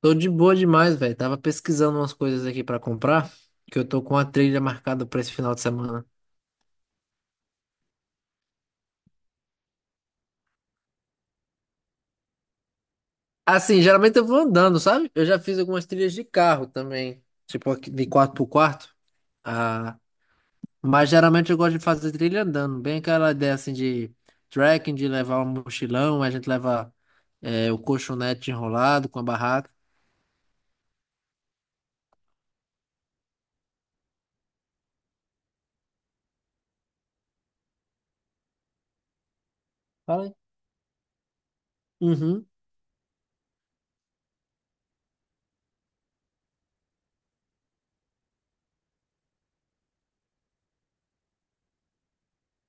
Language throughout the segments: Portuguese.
Tô de boa demais, velho. Tava pesquisando umas coisas aqui pra comprar, que eu tô com a trilha marcada pra esse final de semana. Assim, geralmente eu vou andando, sabe? Eu já fiz algumas trilhas de carro também, tipo aqui de 4x4. Ah, mas geralmente eu gosto de fazer trilha andando, bem aquela ideia assim de trekking, de levar um mochilão, a gente leva o colchonete enrolado com a barraca. Fala aí. Uhum,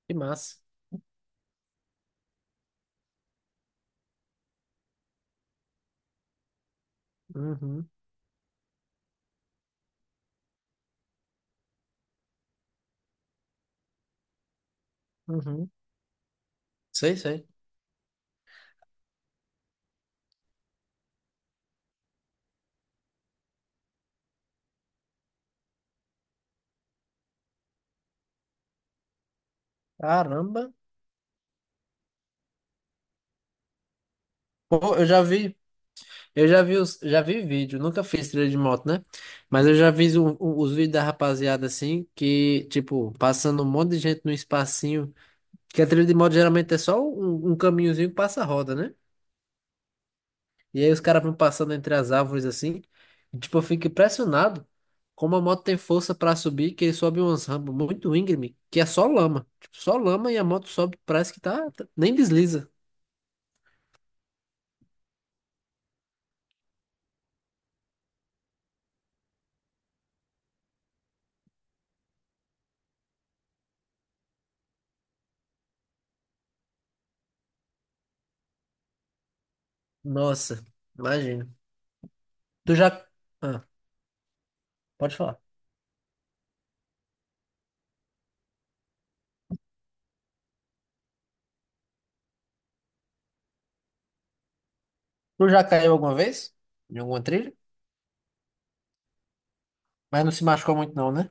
que massa. Uhum, uhum. Sei, sei. Caramba. Pô, eu já vi. Eu já vi, já vi vídeo, nunca fiz trilha de moto, né? Mas eu já vi os vídeos da rapaziada assim, que, tipo, passando um monte de gente num espacinho. Que a trilha de moto geralmente é só um, um caminhozinho que passa a roda, né? E aí os caras vão passando entre as árvores assim. E, tipo, eu fico impressionado como a moto tem força pra subir, que ele sobe umas rampas muito íngreme, que é só lama. Tipo, só lama e a moto sobe, parece que tá, nem desliza. Nossa, imagina. Tu já. Ah, pode falar. Tu já caiu alguma vez? Em alguma trilha? Mas não se machucou muito não, né?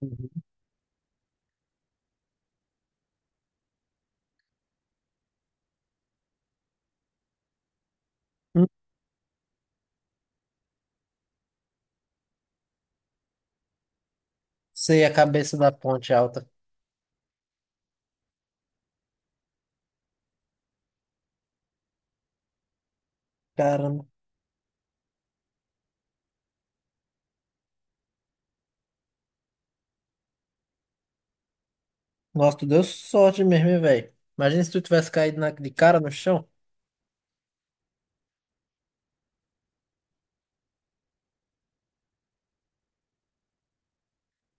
Uhum. Hum. Sei, a cabeça da ponte é alta. Caramba. Nossa, tu deu sorte mesmo, hein, velho? Imagina se tu tivesse caído de cara no chão.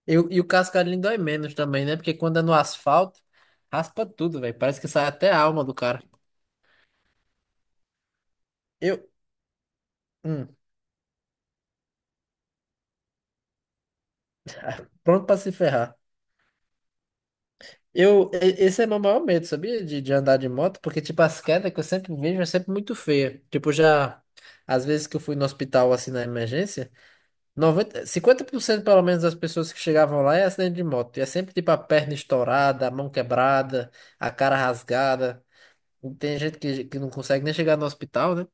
Eu, e o cascalhinho dói menos também, né? Porque quando é no asfalto, raspa tudo, velho. Parece que sai até a alma do cara. Eu, hum, pronto pra se ferrar. Eu, esse é meu maior medo, sabia? De andar de moto, porque, tipo, as quedas que eu sempre vejo é sempre muito feia. Tipo, já, às vezes que eu fui no hospital, assim, na emergência. Noventa cinquenta por cento pelo menos das pessoas que chegavam lá é acidente de moto. E é sempre tipo a perna estourada, a mão quebrada, a cara rasgada. E tem gente que não consegue nem chegar no hospital, né?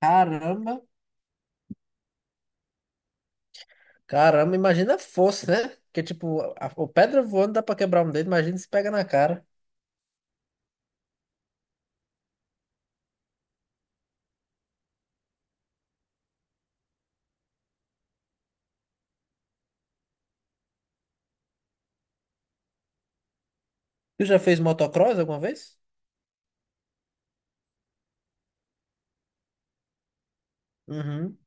Caramba, caramba, imagina a força, né? Porque tipo, o pedra voando dá pra quebrar um dedo, imagina se pega na cara. Tu já fez motocross alguma vez? Uhum.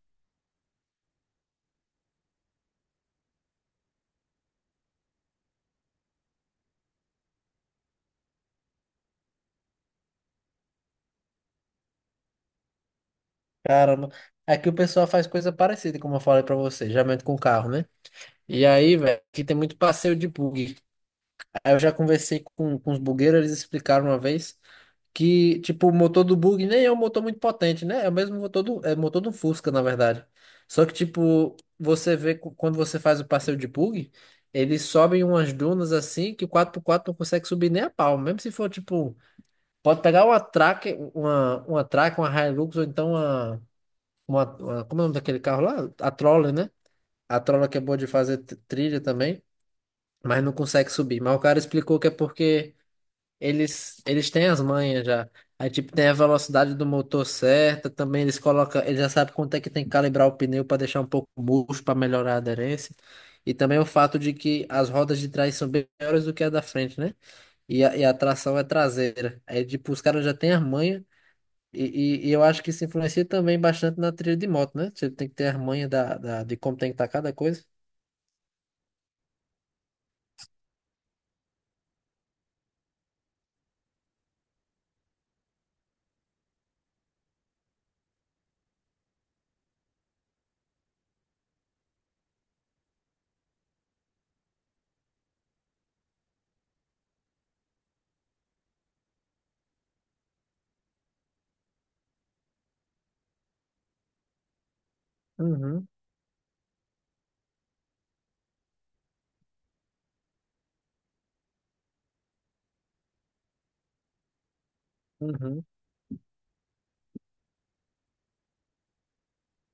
Caramba. Aqui o pessoal faz coisa parecida, como eu falei pra você, geralmente com carro, né? E aí, velho, aqui tem muito passeio de bug. Aí eu já conversei com os bugueiros, eles explicaram uma vez que, tipo, o motor do bug nem é um motor muito potente, né? É o mesmo motor do, é motor do Fusca, na verdade. Só que, tipo, você vê quando você faz o passeio de bug, eles sobem umas dunas assim que o quatro por quatro não consegue subir nem a pau. Mesmo se for, tipo, pode pegar uma track, uma Hilux, ou então uma, como é o nome daquele carro lá? A Troller, né? A Troller que é boa de fazer trilha também, mas não consegue subir. Mas o cara explicou que é porque. Eles têm as manhas já. Aí, tipo, tem a velocidade do motor certa, também eles colocam, eles já sabem quanto é que tem que calibrar o pneu para deixar um pouco murcho, para melhorar a aderência. E também o fato de que as rodas de trás são bem maiores do que a da frente, né? E a tração é traseira. Aí, tipo, os caras já têm as manhas, e eu acho que isso influencia também bastante na trilha de moto, né? Você tem que ter as manhas da, da, de como tem que estar cada coisa. Uhum, uhum.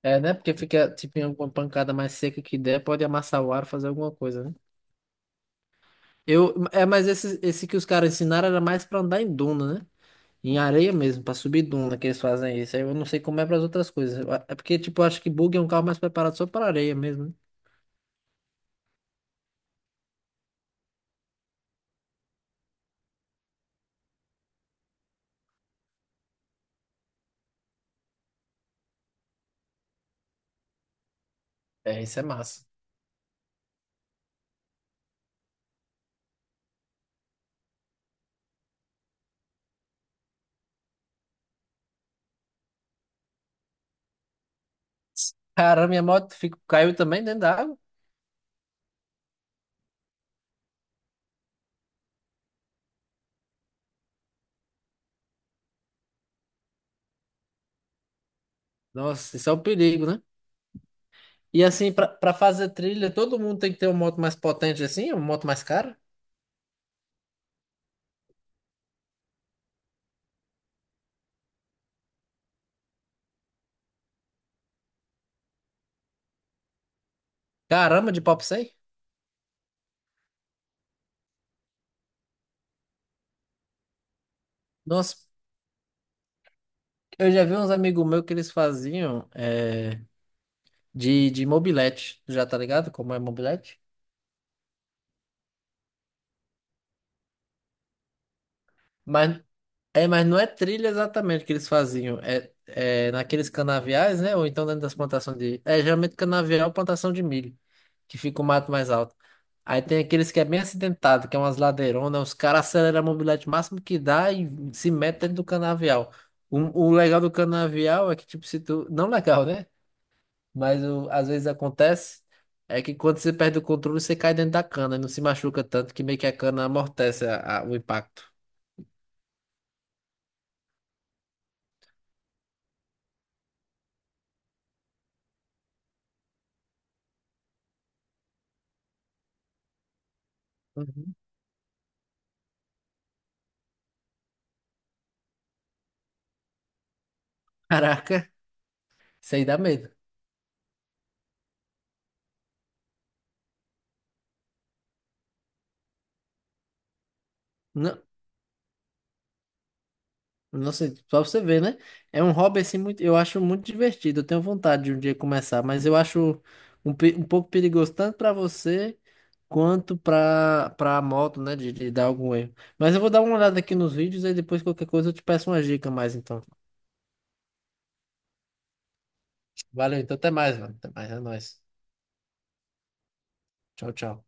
É, né? Porque fica, tipo, em alguma pancada mais seca que der, pode amassar o ar, fazer alguma coisa, né? Eu, é, mas esse que os caras ensinaram era mais pra andar em duna, né? Em areia mesmo, pra subir duna que eles fazem isso. Aí eu não sei como é pras outras coisas. Eu é porque, tipo, eu acho que bug é um carro mais preparado só pra areia mesmo, né? É, isso é massa. Caramba, minha moto fico, caiu também dentro da água. Nossa, isso é um perigo, né? E assim, pra fazer trilha, todo mundo tem que ter uma moto mais potente assim, uma moto mais cara. Caramba, de pop 100? Nossa, eu já vi uns amigos meus que eles faziam é, de mobilete, já tá ligado? Como é mobilete? Mas, é, mas não é trilha exatamente que eles faziam. É, é naqueles canaviais, né? Ou então dentro das plantações de. É geralmente canavial, é plantação de milho, que fica o mato mais alto. Aí tem aqueles que é bem acidentado, que é umas ladeironas, os caras aceleram a mobilete o máximo que dá e se metem dentro do canavial. O legal do canavial é que, tipo, se tu. Não legal, né? Mas às vezes acontece é que quando você perde o controle, você cai dentro da cana e não se machuca tanto que meio que a cana amortece o impacto. Uhum. Caraca, isso aí dá medo. Não, nossa, só pra você ver, né? É um hobby assim muito, eu acho muito divertido. Eu tenho vontade de um dia começar, mas eu acho um, um pouco perigoso tanto pra você quanto pra para moto, né, de dar algum erro. Mas eu vou dar uma olhada aqui nos vídeos e depois qualquer coisa eu te peço uma dica mais então. Valeu, então até mais, mano. Até mais, é nóis. Tchau, tchau.